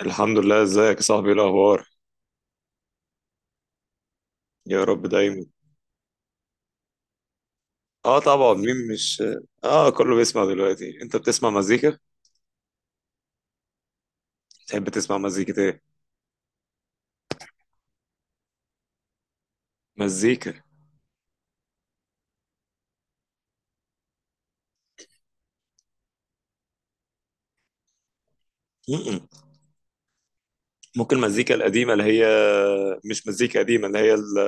الحمد لله، ازيك يا صاحبي؟ ايه الاخبار؟ يا رب دايما. اه طبعا، مين مش. اه كله بيسمع دلوقتي. انت بتسمع مزيكا؟ تحب تسمع مزيكة ايه؟ مزيكا. م-م. ممكن المزيكا القديمة اللي هي، مش مزيكا قديمة، اللي هي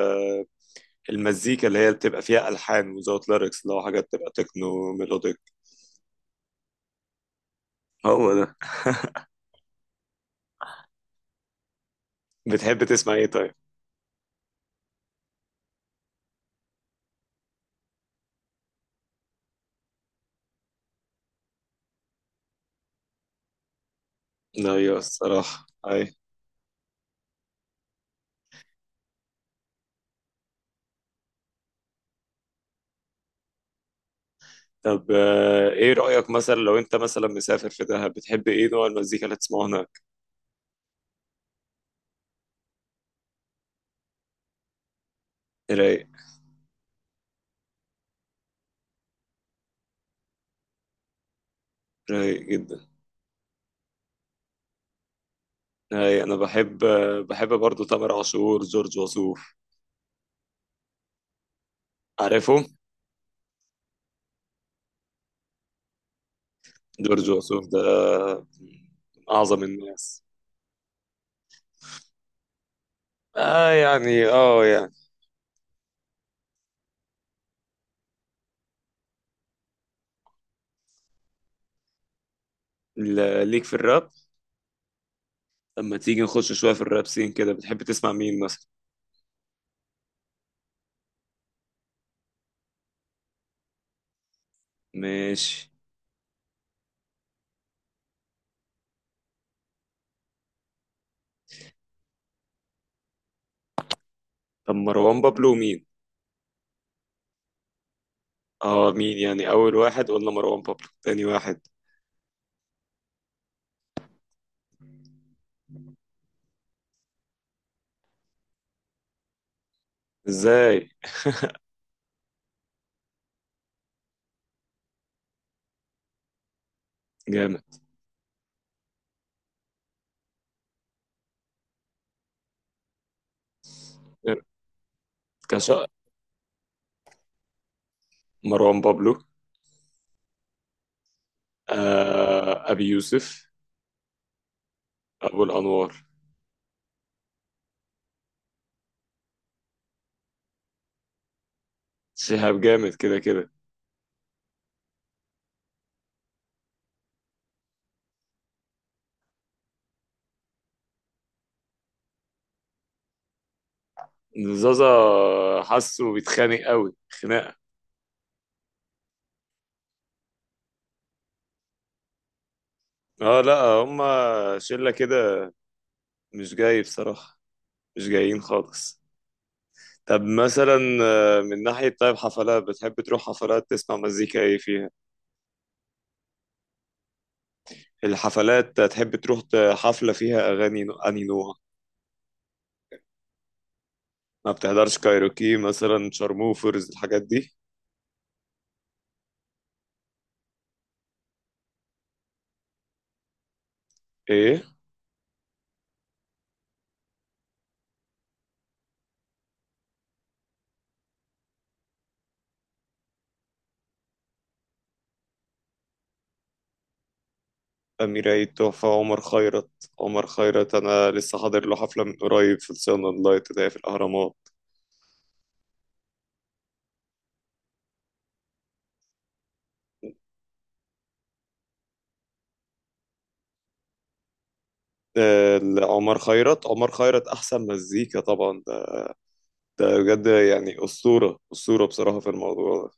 المزيكا اللي هي بتبقى فيها ألحان وزود ليركس، لو حاجات بتبقى تكنو ميلوديك. هو ده. بتحب تسمع ايه طيب؟ ايوه الصراحة اي. طب ايه رأيك مثلا لو انت مثلا مسافر في دهب، بتحب ايه نوع المزيكا اللي تسمعه هناك؟ رايق. رايق جدا. أي أنا بحب. بحب برضه تامر عاشور، جورج وسوف. عارفه؟ جورج وسوف ده من أعظم الناس. آه يعني، آه يعني. ليك في الراب؟ لما تيجي نخش شوية في الراب سين كده، بتحب تسمع مين مثلا؟ ماشي. طب مروان بابلو مين؟ آه مين يعني، أول واحد قلنا مروان بابلو، تاني واحد؟ إزاي؟ جامد. كشا. مروان بابلو. آه أبي يوسف. أبو الأنوار. شهاب جامد كده كده. زازا. حاسه بيتخانق قوي خناقه. اه لا، هما شله كده، مش جاي بصراحه. مش جايين خالص. طب مثلا من ناحية، طيب حفلات، بتحب تروح حفلات تسمع مزيكا ايه فيها؟ الحفلات تحب تروح حفلة فيها أغاني أنهي نوع؟ ما بتحضرش كايروكي مثلا، شارموفرز، الحاجات دي؟ ايه؟ أمير عيد تحفة. عمر خيرت. عمر خيرت أنا لسه حاضر له حفلة من قريب في الصيانة اللايت ده في الأهرامات. عمر خيرت. عمر خيرت احسن مزيكا طبعا. ده بجد يعني اسطوره، اسطوره بصراحه في الموضوع ده.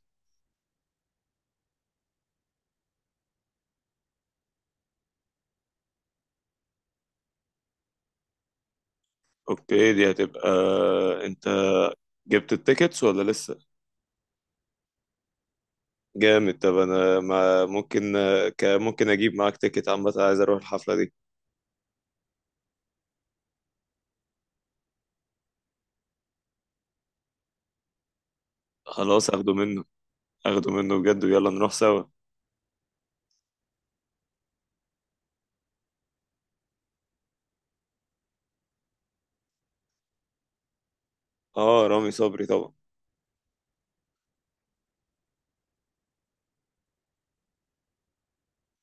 اوكي، دي هتبقى. انت جبت التيكتس ولا لسه؟ جامد. طب انا، ما ممكن، ممكن اجيب معاك تيكت؟ عامه عايز اروح الحفله دي. خلاص اخده منه. اخده منه بجد، ويلا نروح سوا. اه رامي صبري طبعا.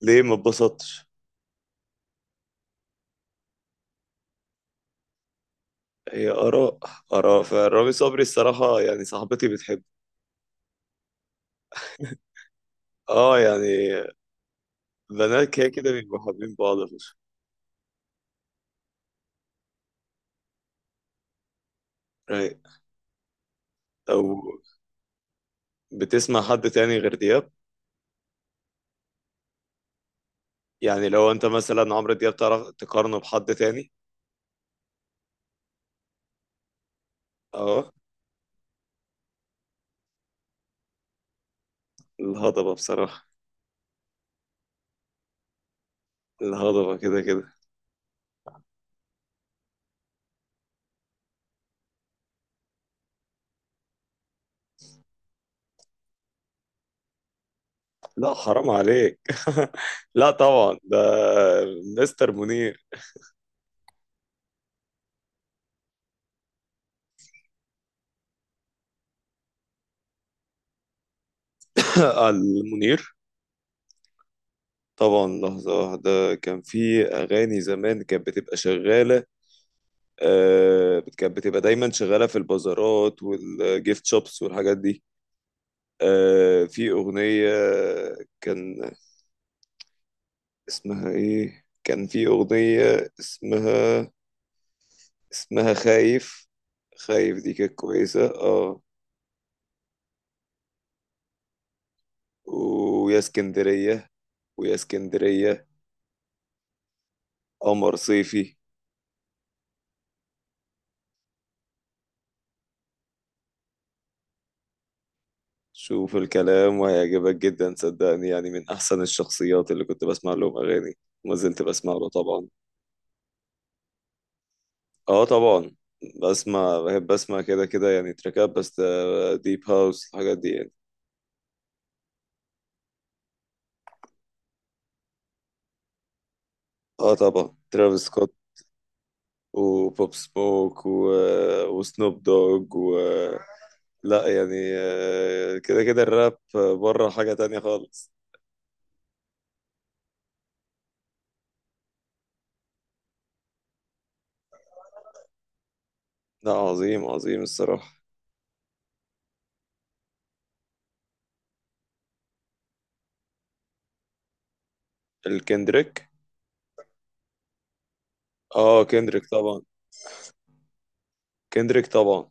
ليه ما اتبسطتش؟ هي اراء. اراء فرامي صبري الصراحه، يعني صاحبتي بتحب. اه يعني، بنات كده كده بيبقوا حابين بعض. Right. او، بتسمع حد تاني غير دياب؟ يعني لو انت مثلا عمرو دياب، تعرف تقارنه بحد تاني؟ اه، الهضبة بصراحة. الهضبة كده كده. لا حرام عليك. لا طبعا، ده مستر منير. المنير طبعا. لحظة واحدة، كان في أغاني زمان كانت بتبقى شغالة. آه كانت بتبقى دايما شغالة في البازارات والجيفت شوبس والحاجات دي. آه في أغنية، كان اسمها ايه، كان في اغنية اسمها، اسمها خايف. خايف دي كانت كويسة اه. ويا اسكندرية. ويا اسكندرية. قمر صيفي. شوف الكلام وهيعجبك جدا صدقني، يعني من احسن الشخصيات اللي كنت بسمع لهم اغاني، وما زلت بسمع له طبعا. اه طبعا، بسمع، بحب اسمع كده كده يعني تراكات بس، ديب هاوس الحاجات دي يعني. اه طبعا، ترافيس سكوت وبوب سموك و... وسنوب دوج و... آه، لا يعني، كده كده الراب بره حاجة تانية خالص. لا، عظيم عظيم الصراحة. الكندريك. اه كندريك طبعا. كندريك طبعا.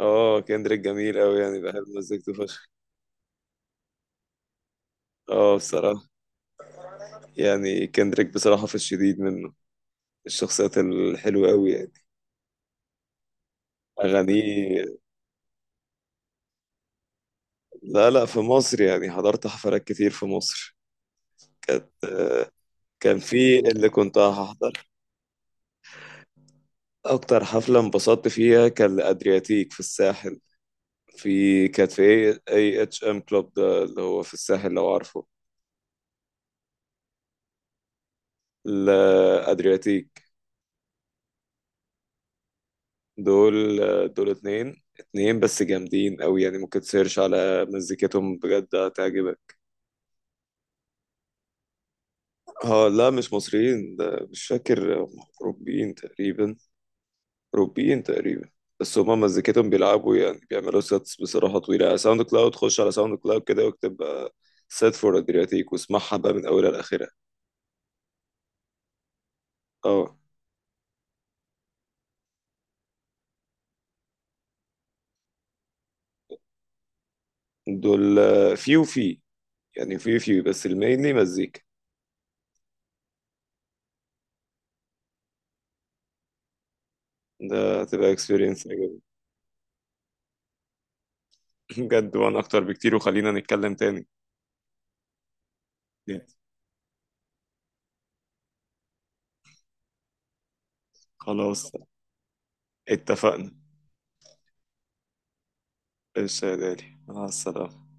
اه كندريك جميل قوي، يعني بحب مزيكته فشخ. اه بصراحة، يعني كندريك بصراحة في الشديد منه الشخصيات الحلوة قوي يعني. أغانيه. لا لا، في مصر، يعني حضرت حفلات كتير في مصر. كانت آه، كان في اللي كنت هحضر. اكتر حفله انبسطت فيها كان الادرياتيك في الساحل. في، كانت في اي اي اتش ام كلوب ده اللي هو في الساحل لو عارفه. الادرياتيك. دول. دول اتنين اتنين بس جامدين قوي، يعني ممكن تسيرش على مزيكتهم بجد هتعجبك. اه لا، مش مصريين، ده مش فاكر هم. اوروبيين تقريبا. اوروبيين تقريبا. بس هما مزيكتهم بيلعبوا، يعني بيعملوا سيتس بصراحة طويلة. ساوند كلاود، خش على ساوند كلاود كده واكتب سيت فور ادرياتيك، واسمعها بقى من اولها لاخرها. اه دول آه، في وفي يعني، في بس المينلي مزيكا. ده هتبقى اكسبيرينس. بجد، وانا اكتر بكتير، وخلينا نتكلم تاني. خلاص. اتفقنا. ايش يا غالي، مع السلامة.